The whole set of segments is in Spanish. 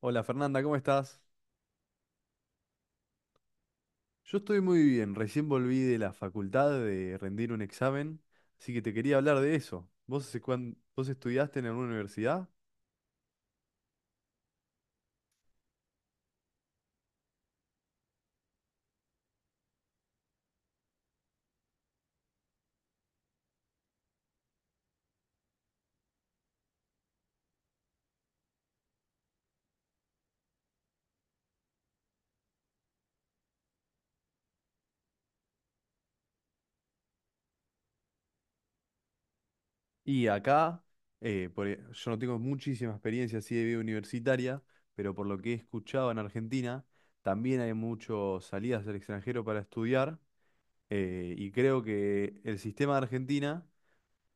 Hola Fernanda, ¿cómo estás? Yo estoy muy bien, recién volví de la facultad de rendir un examen, así que te quería hablar de eso. ¿Vos, vos estudiaste en alguna universidad? Y acá, yo no tengo muchísima experiencia así de vida universitaria, pero por lo que he escuchado en Argentina, también hay muchas salidas al extranjero para estudiar, y creo que el sistema de Argentina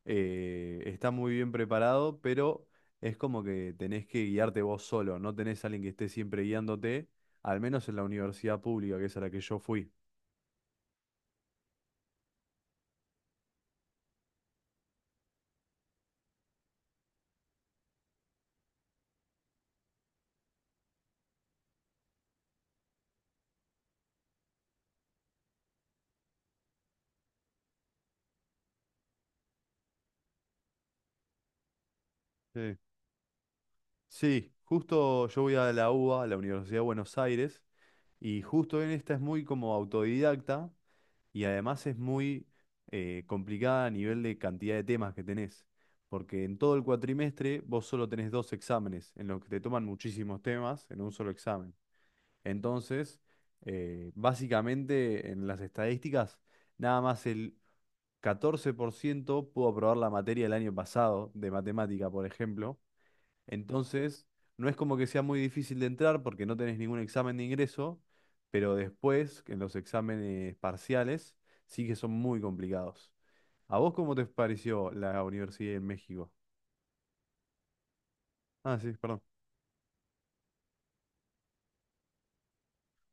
está muy bien preparado, pero es como que tenés que guiarte vos solo, no tenés a alguien que esté siempre guiándote, al menos en la universidad pública, que es a la que yo fui. Sí. Sí, justo yo voy a la UBA, a la Universidad de Buenos Aires, y justo en esta es muy como autodidacta y además es muy complicada a nivel de cantidad de temas que tenés, porque en todo el cuatrimestre vos solo tenés dos exámenes en los que te toman muchísimos temas en un solo examen. Entonces, básicamente en las estadísticas, nada más el 14% pudo aprobar la materia el año pasado de matemática, por ejemplo. Entonces, no es como que sea muy difícil de entrar porque no tenés ningún examen de ingreso, pero después, en los exámenes parciales, sí que son muy complicados. ¿A vos cómo te pareció la universidad en México? Ah, sí, perdón.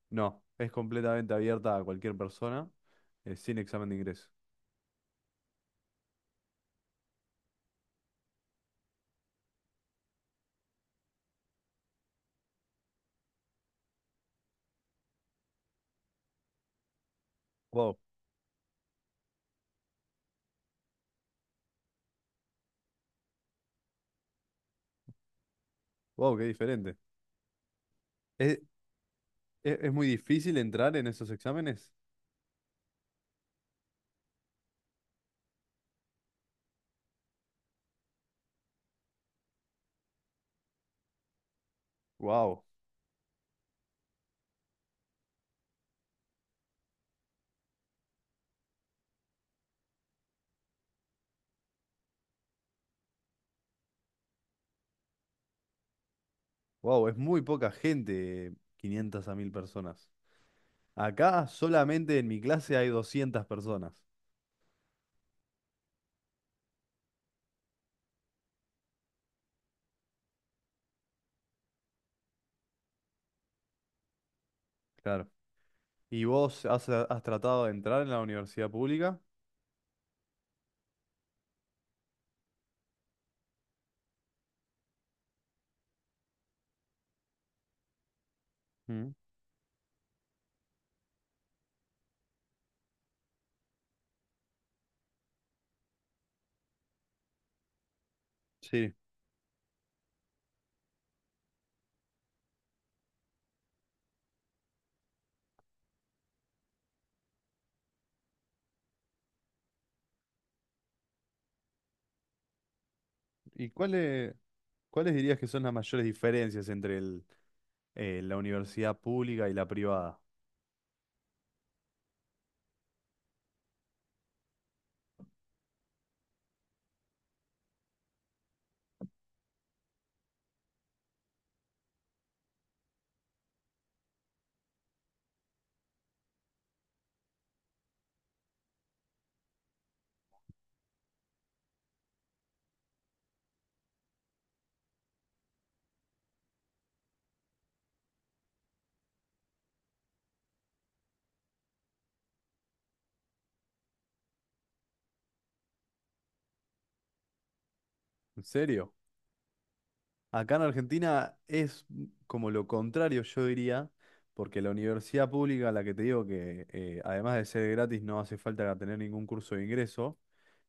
No, es completamente abierta a cualquier persona, sin examen de ingreso. Wow. Wow, qué diferente. ¿Es, es muy difícil entrar en esos exámenes? Wow, wow, es muy poca gente, 500 a 1000 personas. Acá solamente en mi clase hay 200 personas. Claro. ¿Y vos has tratado de entrar en la universidad pública? Mm. Sí. ¿Y cuáles dirías que son las mayores diferencias entre la universidad pública y la privada? ¿En serio? Acá en Argentina es como lo contrario, yo diría, porque la universidad pública, la que te digo que además de ser gratis no hace falta tener ningún curso de ingreso,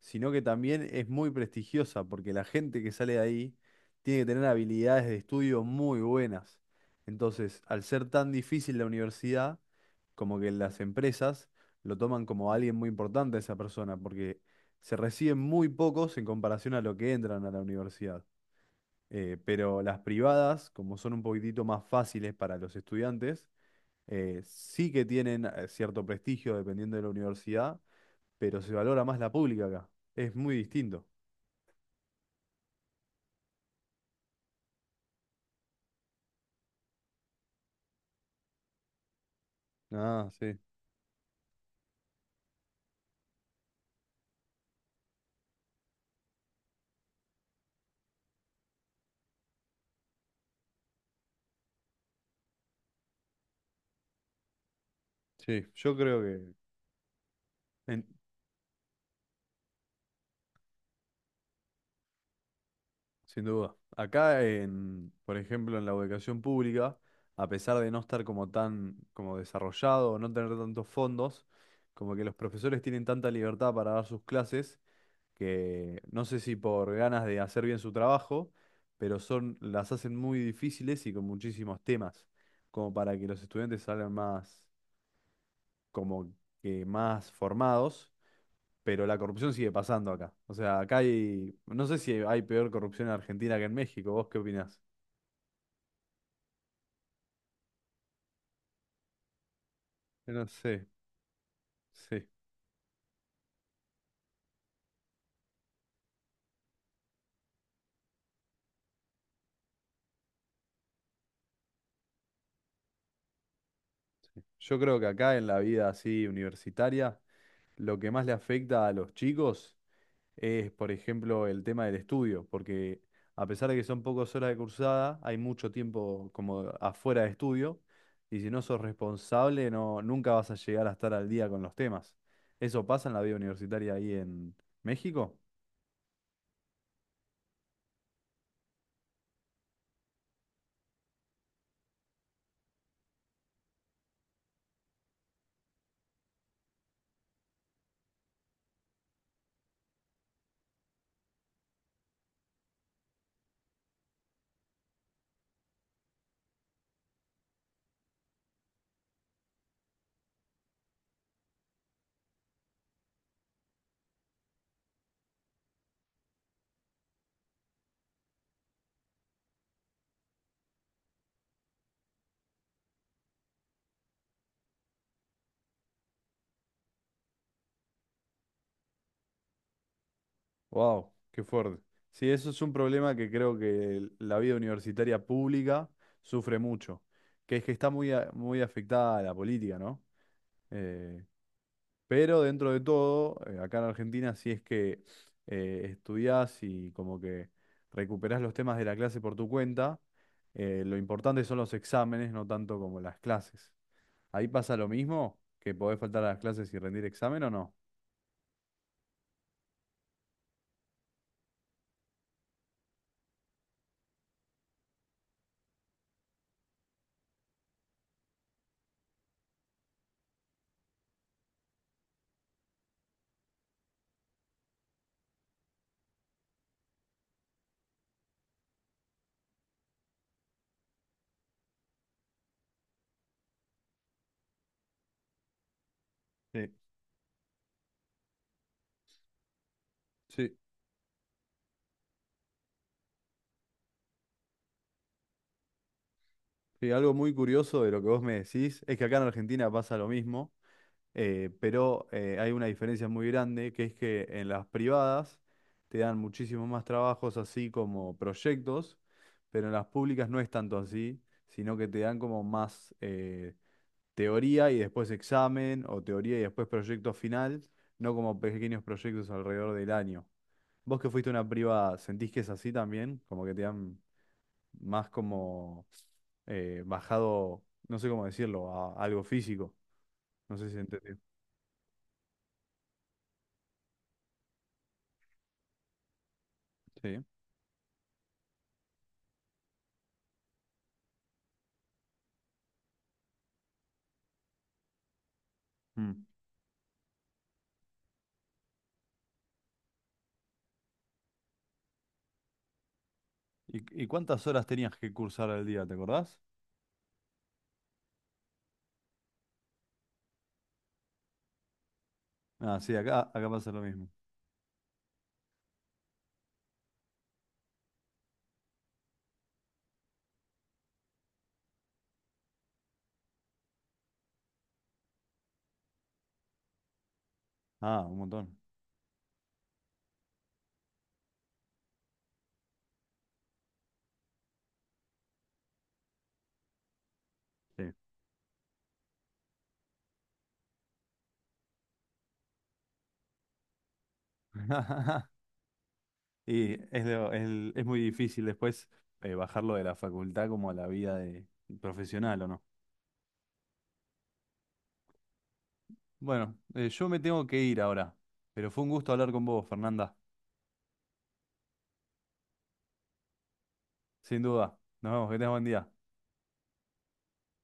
sino que también es muy prestigiosa, porque la gente que sale de ahí tiene que tener habilidades de estudio muy buenas. Entonces, al ser tan difícil la universidad, como que las empresas lo toman como alguien muy importante a esa persona, porque se reciben muy pocos en comparación a lo que entran a la universidad. Pero las privadas, como son un poquitito más fáciles para los estudiantes, sí que tienen cierto prestigio dependiendo de la universidad, pero se valora más la pública acá. Es muy distinto. Ah, sí, sí, yo creo que, en- sin duda. Acá, por ejemplo, en la educación pública, a pesar de no estar como tan como desarrollado, no tener tantos fondos, como que los profesores tienen tanta libertad para dar sus clases que no sé si por ganas de hacer bien su trabajo, pero son, las hacen muy difíciles y con muchísimos temas, como para que los estudiantes salgan más, como que más formados, pero la corrupción sigue pasando acá. O sea, acá no sé si hay peor corrupción en Argentina que en México, ¿vos qué opinás? No sé, sí, sí. Yo creo que acá en la vida así universitaria, lo que más le afecta a los chicos es, por ejemplo, el tema del estudio, porque a pesar de que son pocas horas de cursada, hay mucho tiempo como afuera de estudio, y si no sos responsable, no, nunca vas a llegar a estar al día con los temas. ¿Eso pasa en la vida universitaria ahí en México? ¡Wow! ¡Qué fuerte! Sí, eso es un problema que creo que la vida universitaria pública sufre mucho, que es que está muy, muy afectada a la política, ¿no? Eh, Pero dentro de todo, acá en Argentina, si es que estudiás y como que recuperás los temas de la clase por tu cuenta, lo importante son los exámenes, no tanto como las clases. Ahí pasa lo mismo, que podés faltar a las clases y rendir examen o no. Sí, sí. Sí, algo muy curioso de lo que vos me decís es que acá en Argentina pasa lo mismo. Pero hay una diferencia muy grande, que es que en las privadas te dan muchísimos más trabajos así como proyectos, pero en las públicas no es tanto así, sino que te dan como más teoría y después examen, o teoría y después proyecto final, no como pequeños proyectos alrededor del año. Vos que fuiste a una privada, ¿sentís que es así también? Como que te dan más como bajado, no sé cómo decirlo, a algo físico. No sé si entendí. Sí. Mm. ¿Y cuántas horas tenías que cursar al día, te acordás? Ah, sí, acá pasa lo mismo. Ah, un montón. Sí. Y es muy difícil después bajarlo de la facultad como a la vida de profesional, ¿o no? Bueno, yo me tengo que ir ahora, pero fue un gusto hablar con vos, Fernanda. Sin duda. Nos vemos, que tengas buen día.